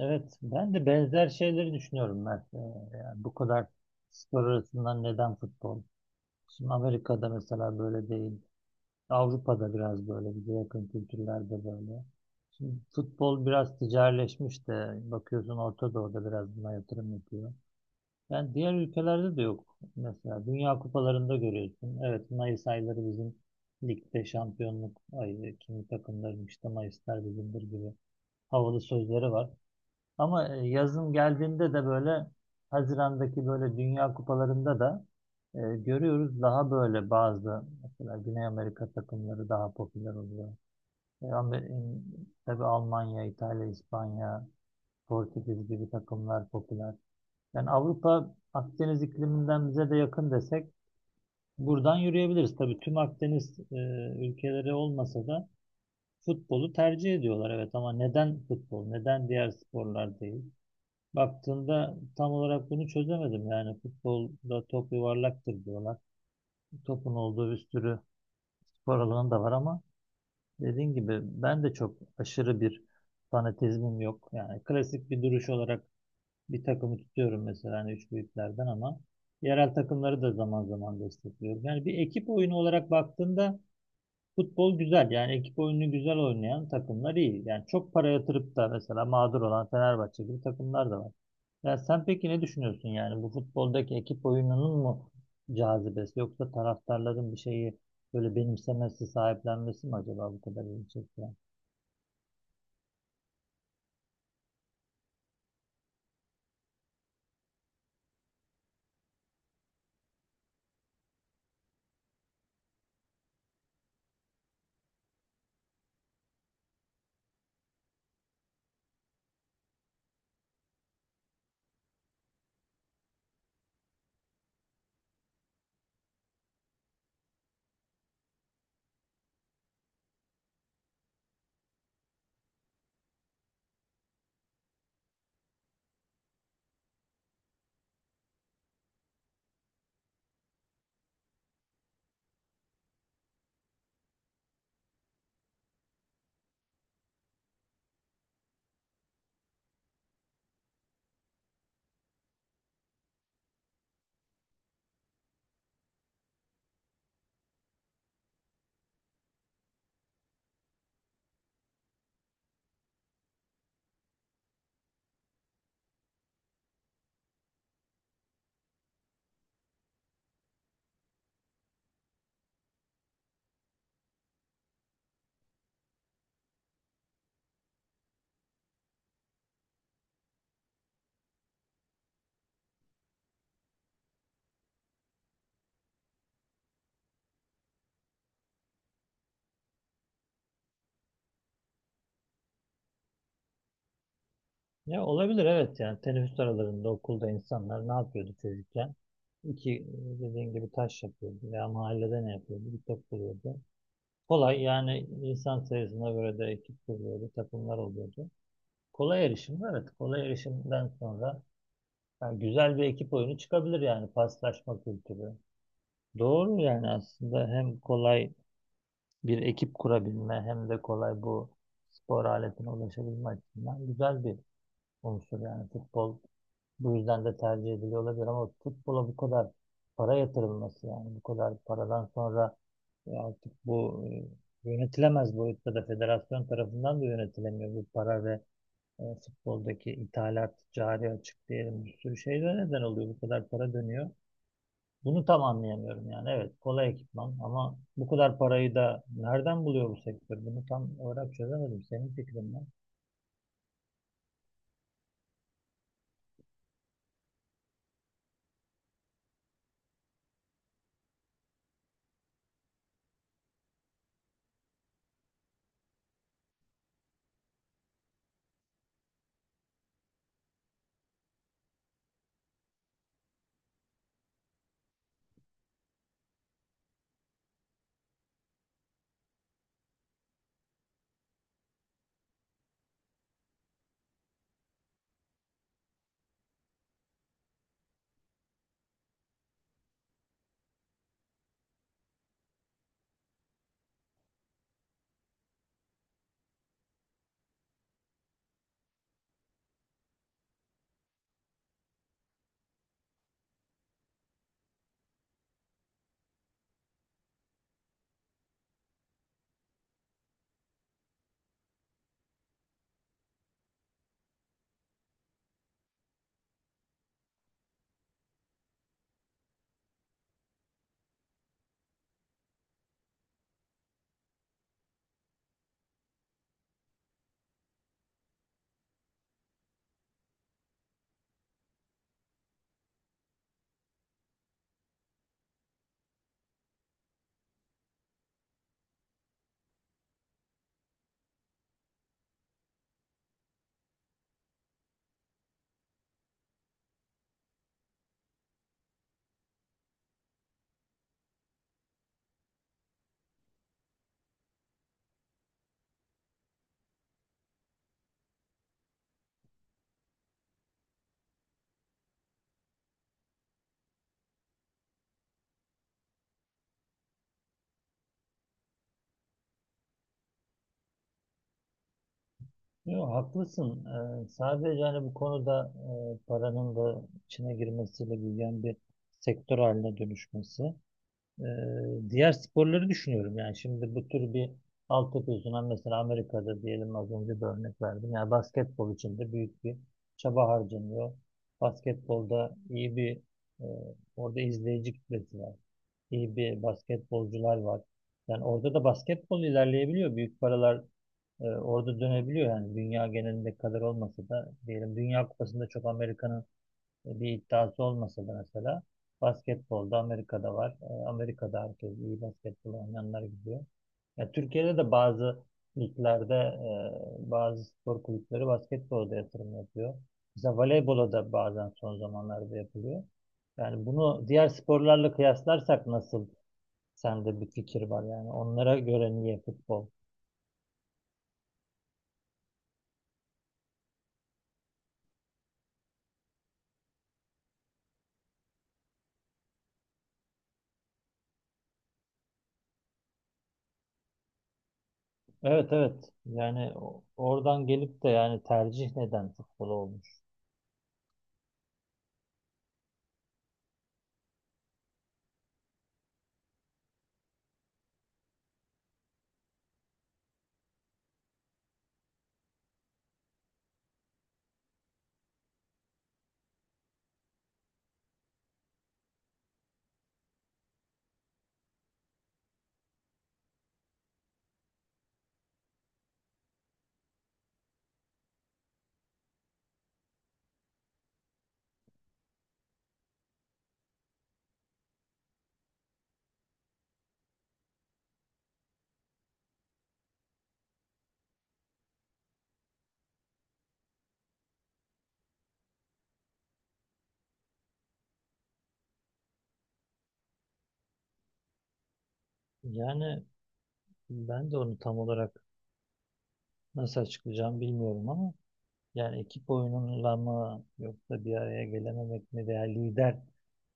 Evet, ben de benzer şeyleri düşünüyorum Mert. Yani bu kadar spor arasından neden futbol? Şimdi Amerika'da mesela böyle değil. Avrupa'da biraz böyle, bize yakın kültürlerde böyle. Şimdi futbol biraz ticarileşmiş de bakıyorsun Orta Doğu'da biraz buna yatırım yapıyor. Yani diğer ülkelerde de yok. Mesela Dünya Kupalarında görüyorsun. Evet, Mayıs ayları bizim ligde şampiyonluk ayı. Kimi takımların işte Mayıslar bizimdir gibi havalı sözleri var. Ama yazın geldiğinde de böyle Haziran'daki böyle Dünya Kupalarında da görüyoruz daha böyle bazı mesela Güney Amerika takımları daha popüler oluyor. Tabii Almanya, İtalya, İspanya, Portekiz gibi takımlar popüler. Yani Avrupa Akdeniz ikliminden bize de yakın desek buradan yürüyebiliriz. Tabii tüm Akdeniz ülkeleri olmasa da futbolu tercih ediyorlar, evet, ama neden futbol, neden diğer sporlar değil? Baktığında tam olarak bunu çözemedim. Yani futbolda top yuvarlaktır diyorlar. Topun olduğu bir sürü spor alanı da var ama dediğin gibi ben de çok aşırı bir fanatizmim yok. Yani klasik bir duruş olarak bir takımı tutuyorum mesela hani üç büyüklerden ama yerel takımları da zaman zaman destekliyorum. Yani bir ekip oyunu olarak baktığında futbol güzel, yani ekip oyunu güzel oynayan takımlar iyi. Yani çok para yatırıp da mesela mağdur olan Fenerbahçe gibi takımlar da var. Ya sen peki ne düşünüyorsun, yani bu futboldaki ekip oyununun mu cazibesi, yoksa taraftarların bir şeyi böyle benimsemesi, sahiplenmesi mi acaba bu kadar ilgi çekiyor? Ya olabilir, evet, yani teneffüs aralarında okulda insanlar ne yapıyordu çocukken? İki dediğin gibi taş yapıyordu veya mahallede ne yapıyordu? Bir top buluyordu. Kolay, yani insan sayısına göre de ekip kuruyordu, takımlar oluyordu. Kolay erişim, evet. Kolay erişimden sonra yani güzel bir ekip oyunu çıkabilir, yani paslaşma kültürü. Doğru, yani aslında hem kolay bir ekip kurabilme hem de kolay bu spor aletine ulaşabilme açısından güzel bir unsur yani futbol bu yüzden de tercih ediliyor olabilir ama futbola bu kadar para yatırılması, yani bu kadar paradan sonra artık bu yönetilemez boyutta da federasyon tarafından da yönetilemiyor bu para ve futboldaki ithalat, cari açık diyelim bir sürü şeyler neden oluyor, bu kadar para dönüyor. Bunu tam anlayamıyorum yani. Evet, kolay ekipman ama bu kadar parayı da nereden buluyor bu sektör, bunu tam olarak çözemedim. Senin fikrin ne? Yo, haklısın. Sadece hani bu konuda paranın da içine girmesiyle büyüyen bir sektör haline dönüşmesi. Diğer sporları düşünüyorum. Yani şimdi bu tür bir altyapı yüzünden mesela Amerika'da diyelim, az önce bir örnek verdim. Yani basketbol için de büyük bir çaba harcanıyor. Basketbolda iyi bir e, orada izleyici kitlesi var. İyi bir basketbolcular var. Yani orada da basketbol ilerleyebiliyor. Büyük paralar orada dönebiliyor, yani dünya genelinde kadar olmasa da diyelim Dünya Kupası'nda çok Amerika'nın bir iddiası olmasa da mesela basketbolda Amerika'da var. Amerika'da herkes iyi basketbol oynayanlar gidiyor. Ya Türkiye'de de bazı liglerde bazı spor kulüpleri basketbolda yatırım yapıyor. Mesela voleybola da bazen son zamanlarda yapılıyor. Yani bunu diğer sporlarla kıyaslarsak nasıl, sende bir fikir var yani onlara göre niye futbol? Evet, evet. Yani oradan gelip de yani tercih neden futbol olmuş? Yani ben de onu tam olarak nasıl açıklayacağım bilmiyorum ama yani ekip oyunuyla mı, yoksa bir araya gelememek mi, veya lider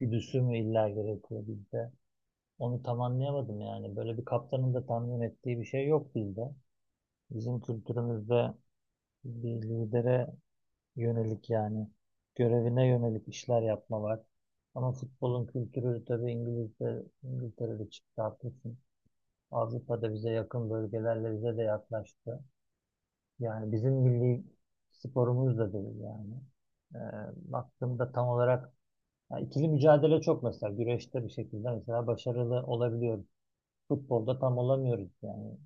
güdüsü mü illa gerekiyor bizde? Onu tam anlayamadım yani. Böyle bir kaptanın da tahmin ettiği bir şey yok bizde. Bizim kültürümüzde bir lidere yönelik, yani görevine yönelik işler yapma var. Ama futbolun kültürü tabii İngilizce, İngiltere'de çıktı, haklısın. Avrupa'da bize yakın bölgelerle bize de yaklaştı. Yani bizim milli sporumuz da değil yani. Ee, Baktığımda tam olarak, ya ikili mücadele çok mesela, güreşte bir şekilde mesela başarılı olabiliyoruz. Futbolda tam olamıyoruz yani.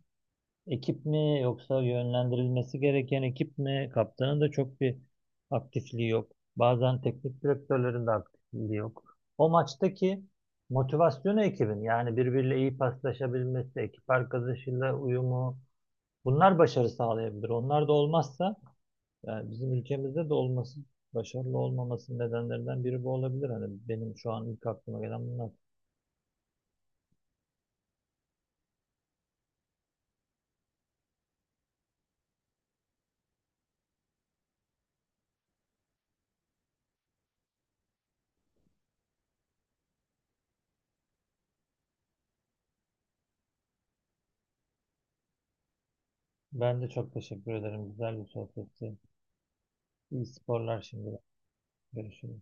Ekip mi, yoksa yönlendirilmesi gereken ekip mi? Kaptanın da çok bir aktifliği yok. Bazen teknik direktörlerin de aktifliği yok. O maçtaki motivasyonu ekibin, yani birbiriyle iyi paslaşabilmesi, ekip arkadaşıyla uyumu, bunlar başarı sağlayabilir. Onlar da olmazsa yani bizim ülkemizde de olması, başarılı olmaması nedenlerinden biri bu olabilir. Hani benim şu an ilk aklıma gelen bunlar. Ben de çok teşekkür ederim. Güzel bir sohbetti. İyi sporlar şimdi. Görüşürüz.